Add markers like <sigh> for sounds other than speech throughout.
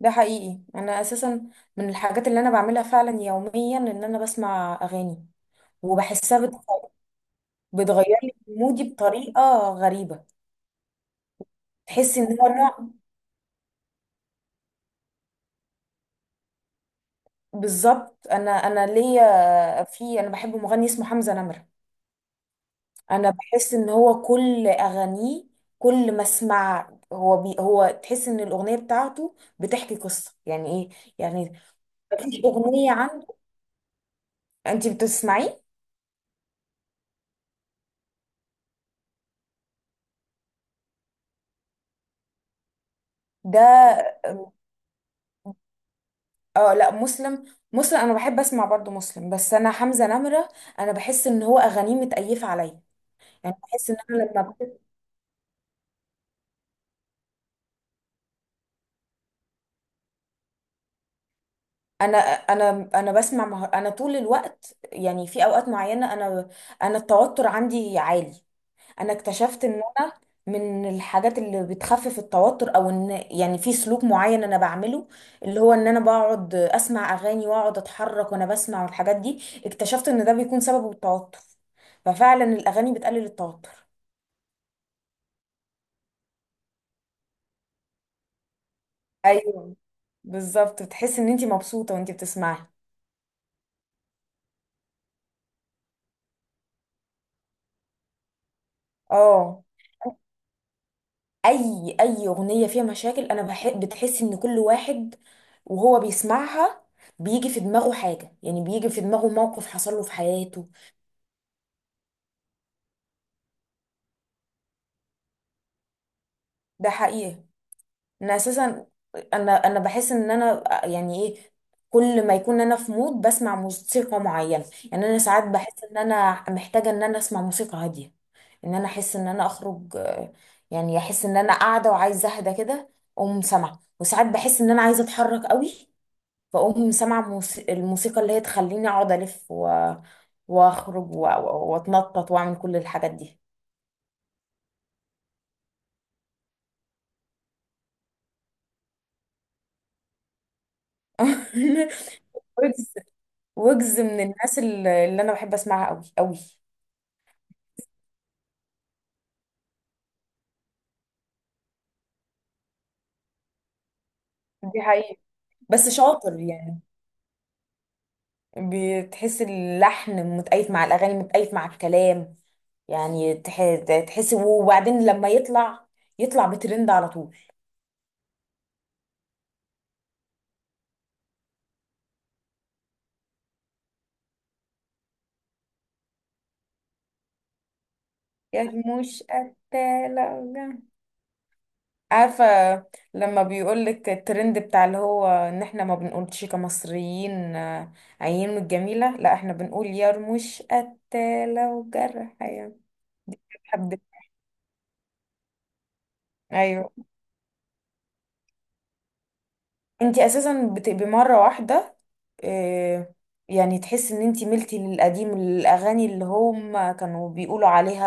ده حقيقي. انا اساسا من الحاجات اللي انا بعملها فعلا يوميا ان انا بسمع اغاني وبحسها بتغير لي مودي بطريقه غريبه. تحس ان هو نوع، بالظبط. انا ليا، في، انا بحب مغني اسمه حمزه نمره. انا بحس ان هو كل اغانيه، كل ما اسمع هو بي هو تحس ان الاغنيه بتاعته بتحكي قصه، يعني ايه يعني، مفيش اغنيه عنده. انت بتسمعيه؟ ده، اه لا، مسلم. مسلم انا بحب اسمع برضو مسلم، بس انا حمزة نمرة، انا بحس ان هو اغانيه متأيفة عليا. يعني بحس ان انا انا انا طول الوقت، يعني في اوقات معينة انا، انا التوتر عندي عالي. انا اكتشفت ان انا من الحاجات اللي بتخفف التوتر، او ان يعني في سلوك معين انا بعمله، اللي هو ان انا بقعد اسمع اغاني واقعد اتحرك وانا بسمع، والحاجات دي اكتشفت ان ده بيكون سببه التوتر، ففعلا الاغاني بتقلل التوتر. ايوه بالظبط، بتحس ان انت مبسوطه وانت بتسمعي. اه، اي اي اغنيه فيها مشاكل انا بحب، بتحس ان كل واحد وهو بيسمعها بيجي في دماغه حاجه، يعني بيجي في دماغه موقف حصل له في حياته. ده حقيقي، انا اساسا، انا بحس ان انا يعني ايه، كل ما يكون انا في مود بسمع موسيقى معينه، يعني انا ساعات بحس ان انا محتاجه ان انا اسمع موسيقى هاديه، ان انا احس ان انا اخرج، يعني احس ان انا قاعده وعايزه اهدى كده، اقوم سامعه. وساعات بحس ان انا عايزه اتحرك قوي، فاقوم سامعه الموسيقى اللي هي تخليني اقعد الف واخرج واتنطط واعمل كل الحاجات دي. <laughs> وجز، وجز من الناس اللي انا بحب اسمعها قوي قوي. دي حقيقة، بس شاطر يعني. بتحس اللحن متأيت مع الأغاني، متأيت مع الكلام. يعني تح- تحس. وبعدين لما يطلع، يطلع بترند على طول. يا مش عارفة، لما بيقولك الترند بتاع اللي هو ان احنا ما بنقولش كمصريين عين من الجميلة، لا احنا بنقول يا رموش قتالة وجرح يا حد. ايوه، انتي اساسا بتبقي مره واحده، آه، يعني تحس ان انتي ملتي للقديم، الاغاني اللي هم كانوا بيقولوا عليها،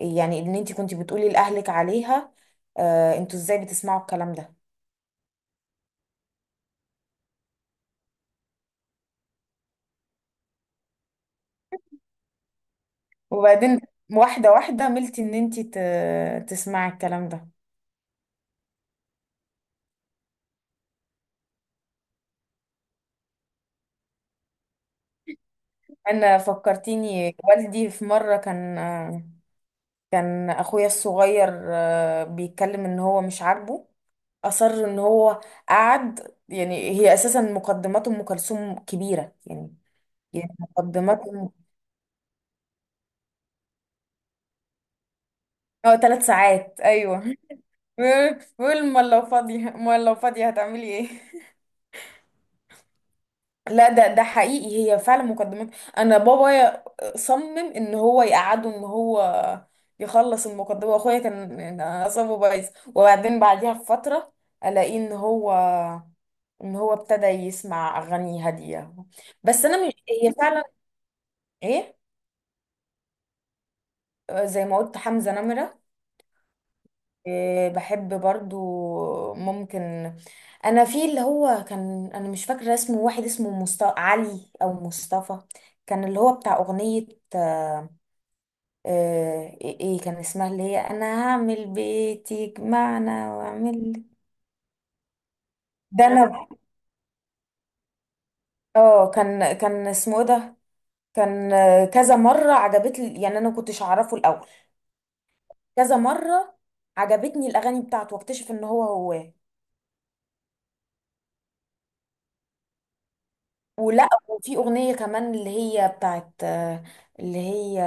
يعني ان انتي كنتي بتقولي لاهلك عليها انتوا ازاي بتسمعوا الكلام ده. وبعدين واحده واحده ملتي ان انتي تسمعي الكلام ده. انا فكرتيني والدي في مره كان، كان اخويا الصغير بيتكلم ان هو مش عاجبه، أصر إن هو قعد، يعني هي أساسا مقدمات أم كلثوم كبيرة يعني، يعني اه ثلاث ساعات أيوه. <laughs> بيقول أمال لو فاضية، أمال لو فاضية هتعملي إيه؟ لا ده، ده حقيقي، هي فعلا مقدمات. أنا بابا صمم إن هو يقعده، إن هو يخلص المقدمة، وأخويا كان يعني أعصابه بايظ. وبعدين بعديها بفترة ألاقيه إن هو، إن هو ابتدى يسمع أغاني هادية. بس أنا مش هي فعلا. إيه؟ زي ما قلت حمزة نمرة. إيه، بحب برضو ممكن انا، في اللي هو كان، انا مش فاكرة اسمه، واحد اسمه علي او مصطفى، كان اللي هو بتاع اغنية آه، ايه، إيه كان اسمها، اللي هي انا هعمل بيتي يجمعنا، واعمل ده انا، اه كان، كان اسمه إيه ده، كان كذا مرة عجبتني، يعني انا ما كنتش اعرفه الاول، كذا مرة عجبتني الاغاني بتاعته واكتشف ان هو هو. ولا وفي اغنيه كمان اللي هي بتاعت اللي هي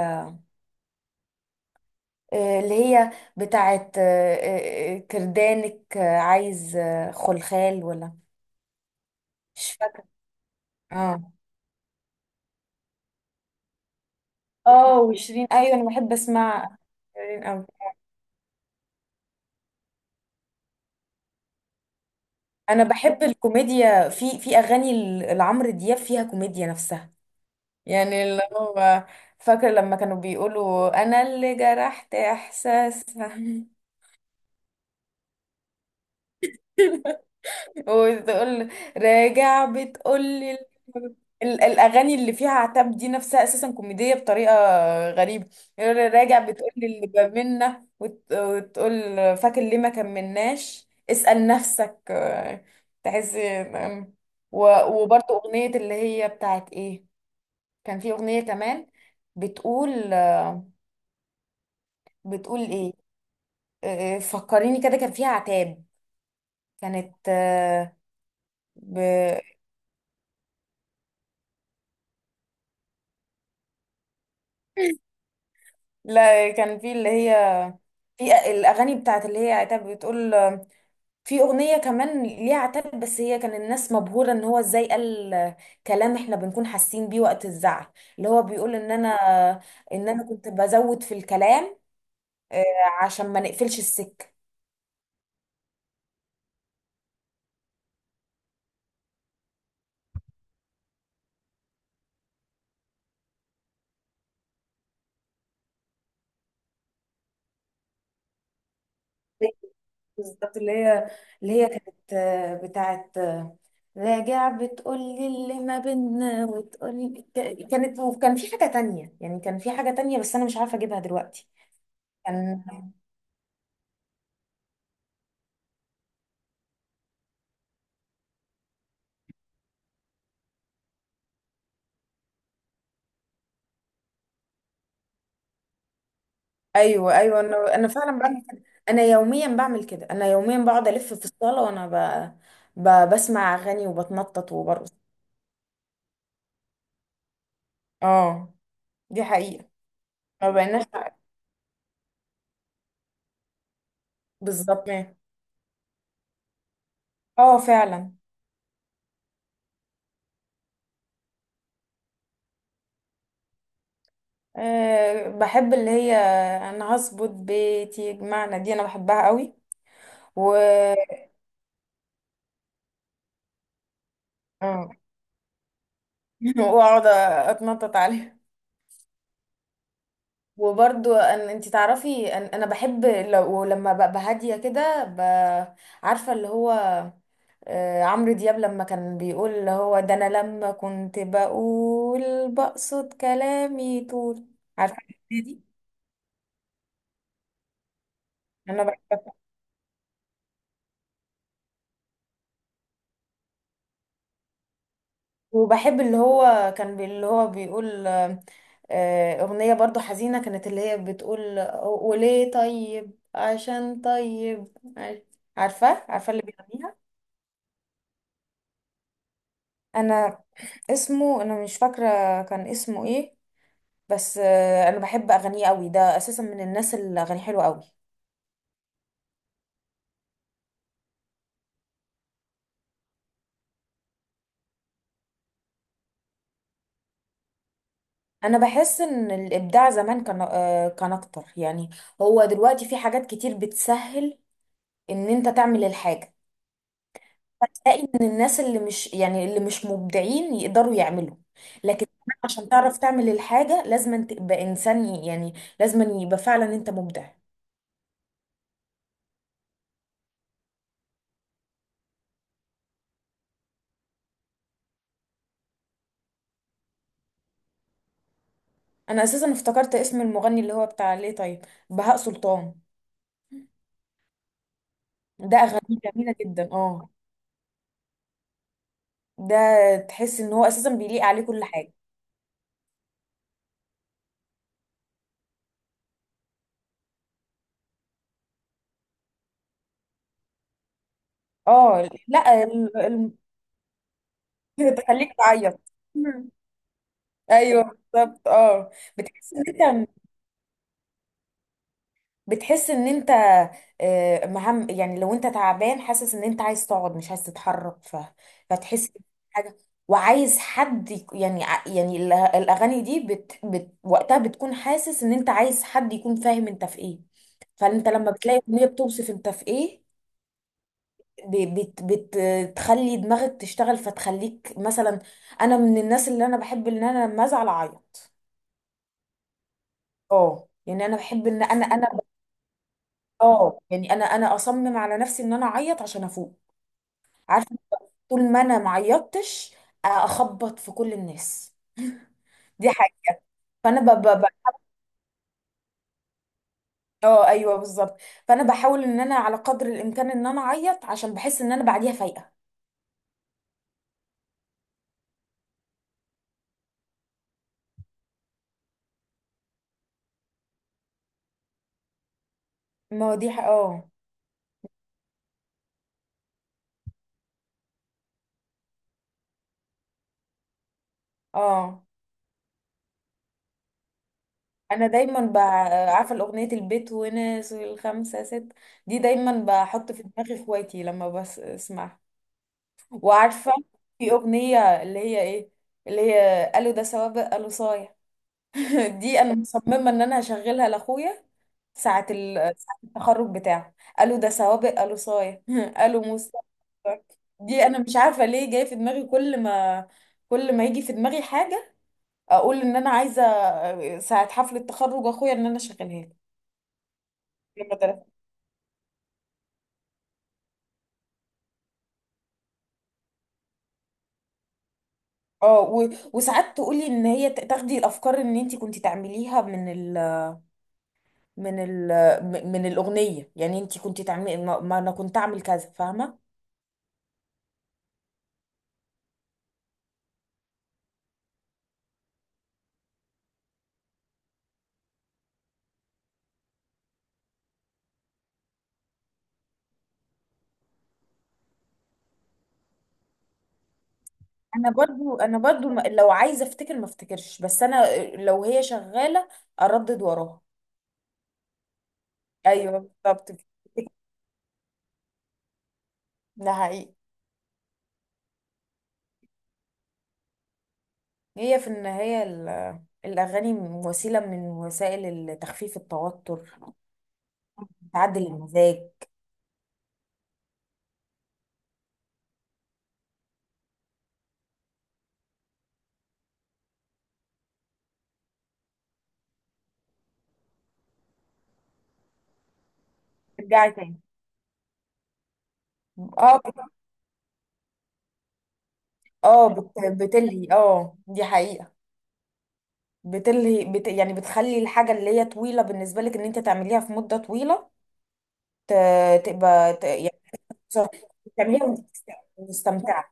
اللي هي بتاعت كردانك عايز خلخال ولا، مش فاكره. اه، اه وشيرين، ايوه انا بحب اسمع شيرين قوي. انا بحب الكوميديا في في اغاني لعمرو دياب، فيها كوميديا نفسها، يعني اللي هو فاكر لما كانوا بيقولوا انا اللي جرحت احساسها. <laughs> وتقول راجع بتقول لي الاغاني اللي فيها عتاب دي نفسها اساسا كوميديه بطريقه غريبه. يقول لي راجع بتقول لي اللي بمنا وتقول فاكر ليه ما كملناش، اسال نفسك، تحس وبرضه اغنيه اللي هي بتاعت ايه، كان في اغنيه كمان بتقول، بتقول ايه، فكريني كده كان فيها عتاب، كانت ب... لا كان في اللي هي، في الاغاني بتاعت اللي هي عتاب، بتقول في اغنيه كمان ليها عتاب، بس هي كان الناس مبهوره ان هو ازاي قال كلام احنا بنكون حاسين بيه وقت الزعل. اللي هو بيقول ان انا، ان انا كنت بزود في الكلام آه، عشان ما نقفلش السكه. بالظبط، اللي هي، اللي هي كانت بتاعت راجع بتقول لي اللي ما بينا وتقول، كانت. وكان في حاجه تانية، يعني كان في حاجه تانية بس انا مش عارفه اجيبها دلوقتي. كان. ايوه ايوه، انا فعلا بعمل كده، انا يوميا بعمل كده، انا يوميا بقعد الف في الصاله وانا بسمع اغاني وبتنطط وبرقص. اه دي حقيقه، ما بقيناش. <laughs> بالظبط، اه فعلا. أه بحب اللي هي، انا هظبط بيتي يجمعنا، دي انا بحبها قوي. و آه. <laughs> واقعد اتنطط عليها. وبرضو أن انت تعرفي أن انا بحب، لو لما ببقى هاديه كده عارفه اللي هو، عمرو دياب لما كان بيقول اللي هو ده انا لما كنت بقول بقصد كلامي طول، عارفه الأغنية دي؟ انا بحبها. وبحب اللي هو اللي هو بيقول اغنيه برضو حزينه كانت اللي هي بتقول وليه طيب عشان طيب، عارف- عارفه اللي بيغنيها؟ انا اسمه انا مش فاكره، كان اسمه ايه، بس انا بحب اغانيه قوي، ده اساسا من الناس اللي اغانيه حلوه قوي. انا بحس ان الابداع زمان كان كان اكتر، يعني هو دلوقتي في حاجات كتير بتسهل ان انت تعمل الحاجه، فتلاقي ان الناس اللي مش يعني اللي مش مبدعين يقدروا يعملوا. لكن زمان عشان تعرف تعمل الحاجه لازم تبقى انسان يعني لازم يبقى فعلا انت مبدع. انا اساسا افتكرت اسم المغني اللي هو بتاع ليه طيب، بهاء سلطان. ده اغانيه جميله جدا، اه. ده تحس ان هو اساسا بيليق عليه كل حاجه. اه لا، تخليك تعيط. مم. ايوه بالظبط، اه. بتحس ان انت، بتحس ان انت، مهم، يعني لو انت تعبان حاسس ان انت عايز تقعد مش عايز تتحرك فتحس حاجه، وعايز حد يعني يعني الاغاني دي وقتها بتكون حاسس ان انت عايز حد يكون فاهم انت في ايه، فانت لما بتلاقي اغنيه بتوصف انت في ايه، ب... بت... بت... بتخلي دماغك تشتغل، فتخليك مثلا، انا من الناس اللي انا بحب ان انا لما ازعل اعيط. اه يعني انا بحب ان انا انا، اه يعني انا انا اصمم على نفسي ان انا اعيط عشان افوق. عارفه، طول ما انا ما عيطتش اخبط في كل الناس، دي حاجه. فانا اه ايوه بالظبط، فانا بحاول ان انا على قدر الامكان ان انا اعيط عشان بحس ان انا بعديها فايقه. ما هو دي اه، اه. انا دايما عارفه الاغنيه البيت وناس الخمسه ست، دي دايما بحط في دماغي اخواتي لما بسمعها. وعارفة، في أغنية اللي هي إيه، اللي هي قالوا ده سوابق قالوا صايع، <laughs> دي أنا مصممة إن أنا هشغلها لأخويا ساعة ساعة التخرج بتاعه. قالوا ده سوابق قالوا صايع، <laughs> قالوا موسى. دي أنا مش عارفة ليه جاي في دماغي، كل ما، كل ما يجي في دماغي حاجة أقول إن أنا عايزة ساعة حفلة تخرج أخويا إن أنا أشغلها له. لما تلف- اه، وساعات تقولي ان هي تاخدي الافكار ان انت كنت تعمليها من، من ال، من الأغنية، يعني انت كنت تعملي، ما ما انا كنت اعمل كذا، فاهمة؟ انا برضو لو عايزة افتكر ما افتكرش، بس انا لو هي شغالة اردد وراها. ايوه بالظبط كده. ده حقيقي. هي في النهاية الاغاني وسيلة من وسائل تخفيف التوتر، بتعدل المزاج. ترجعي تاني. اه اه بتلهي، اه دي حقيقة، بتلهي، بت يعني، بتخلي الحاجة اللي هي طويلة بالنسبة لك ان انت تعمليها في مدة طويلة تبقى يعني تعمليها مستمتعة.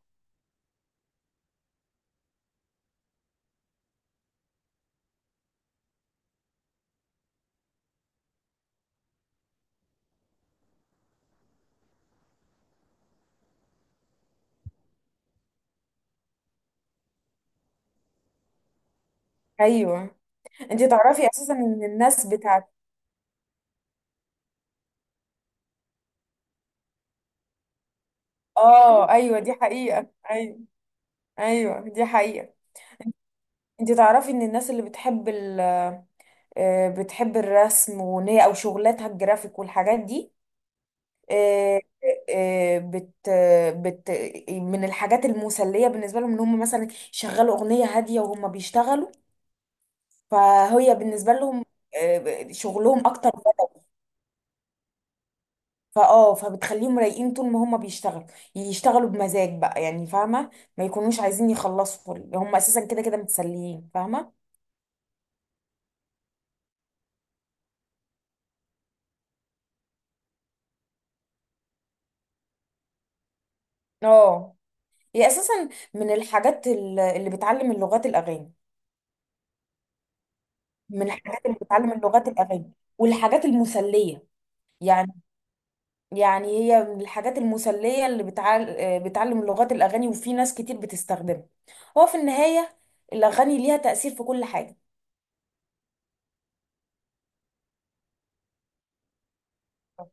ايوه، انت تعرفي اساسا ان الناس بتاعت، اه ايوه دي حقيقة، ايوه، ايوه دي حقيقة. انت تعرفي ان الناس اللي بتحب بتحب الرسم، وان هي او شغلاتها الجرافيك والحاجات دي، آه، آه، بت... بت من الحاجات المسلية بالنسبة لهم ان هم مثلا يشغلوا اغنية هادية وهم بيشتغلوا، فهي بالنسبة لهم شغلهم اكتر، فاه، فبتخليهم رايقين طول ما هم بيشتغلوا، يشتغلوا بمزاج بقى، يعني فاهمه، ما يكونوش عايزين يخلصوا، هم اساسا كده كده متسليين، فاهمه. اه، هي اساسا من الحاجات اللي بتعلم اللغات الاغاني، من الحاجات اللي بتعلم اللغات الاغاني والحاجات المسليه، يعني، يعني هي من الحاجات المسليه اللي بتعلم لغات الاغاني، وفي ناس كتير بتستخدمها. هو في النهايه الاغاني ليها تاثير في كل حاجه.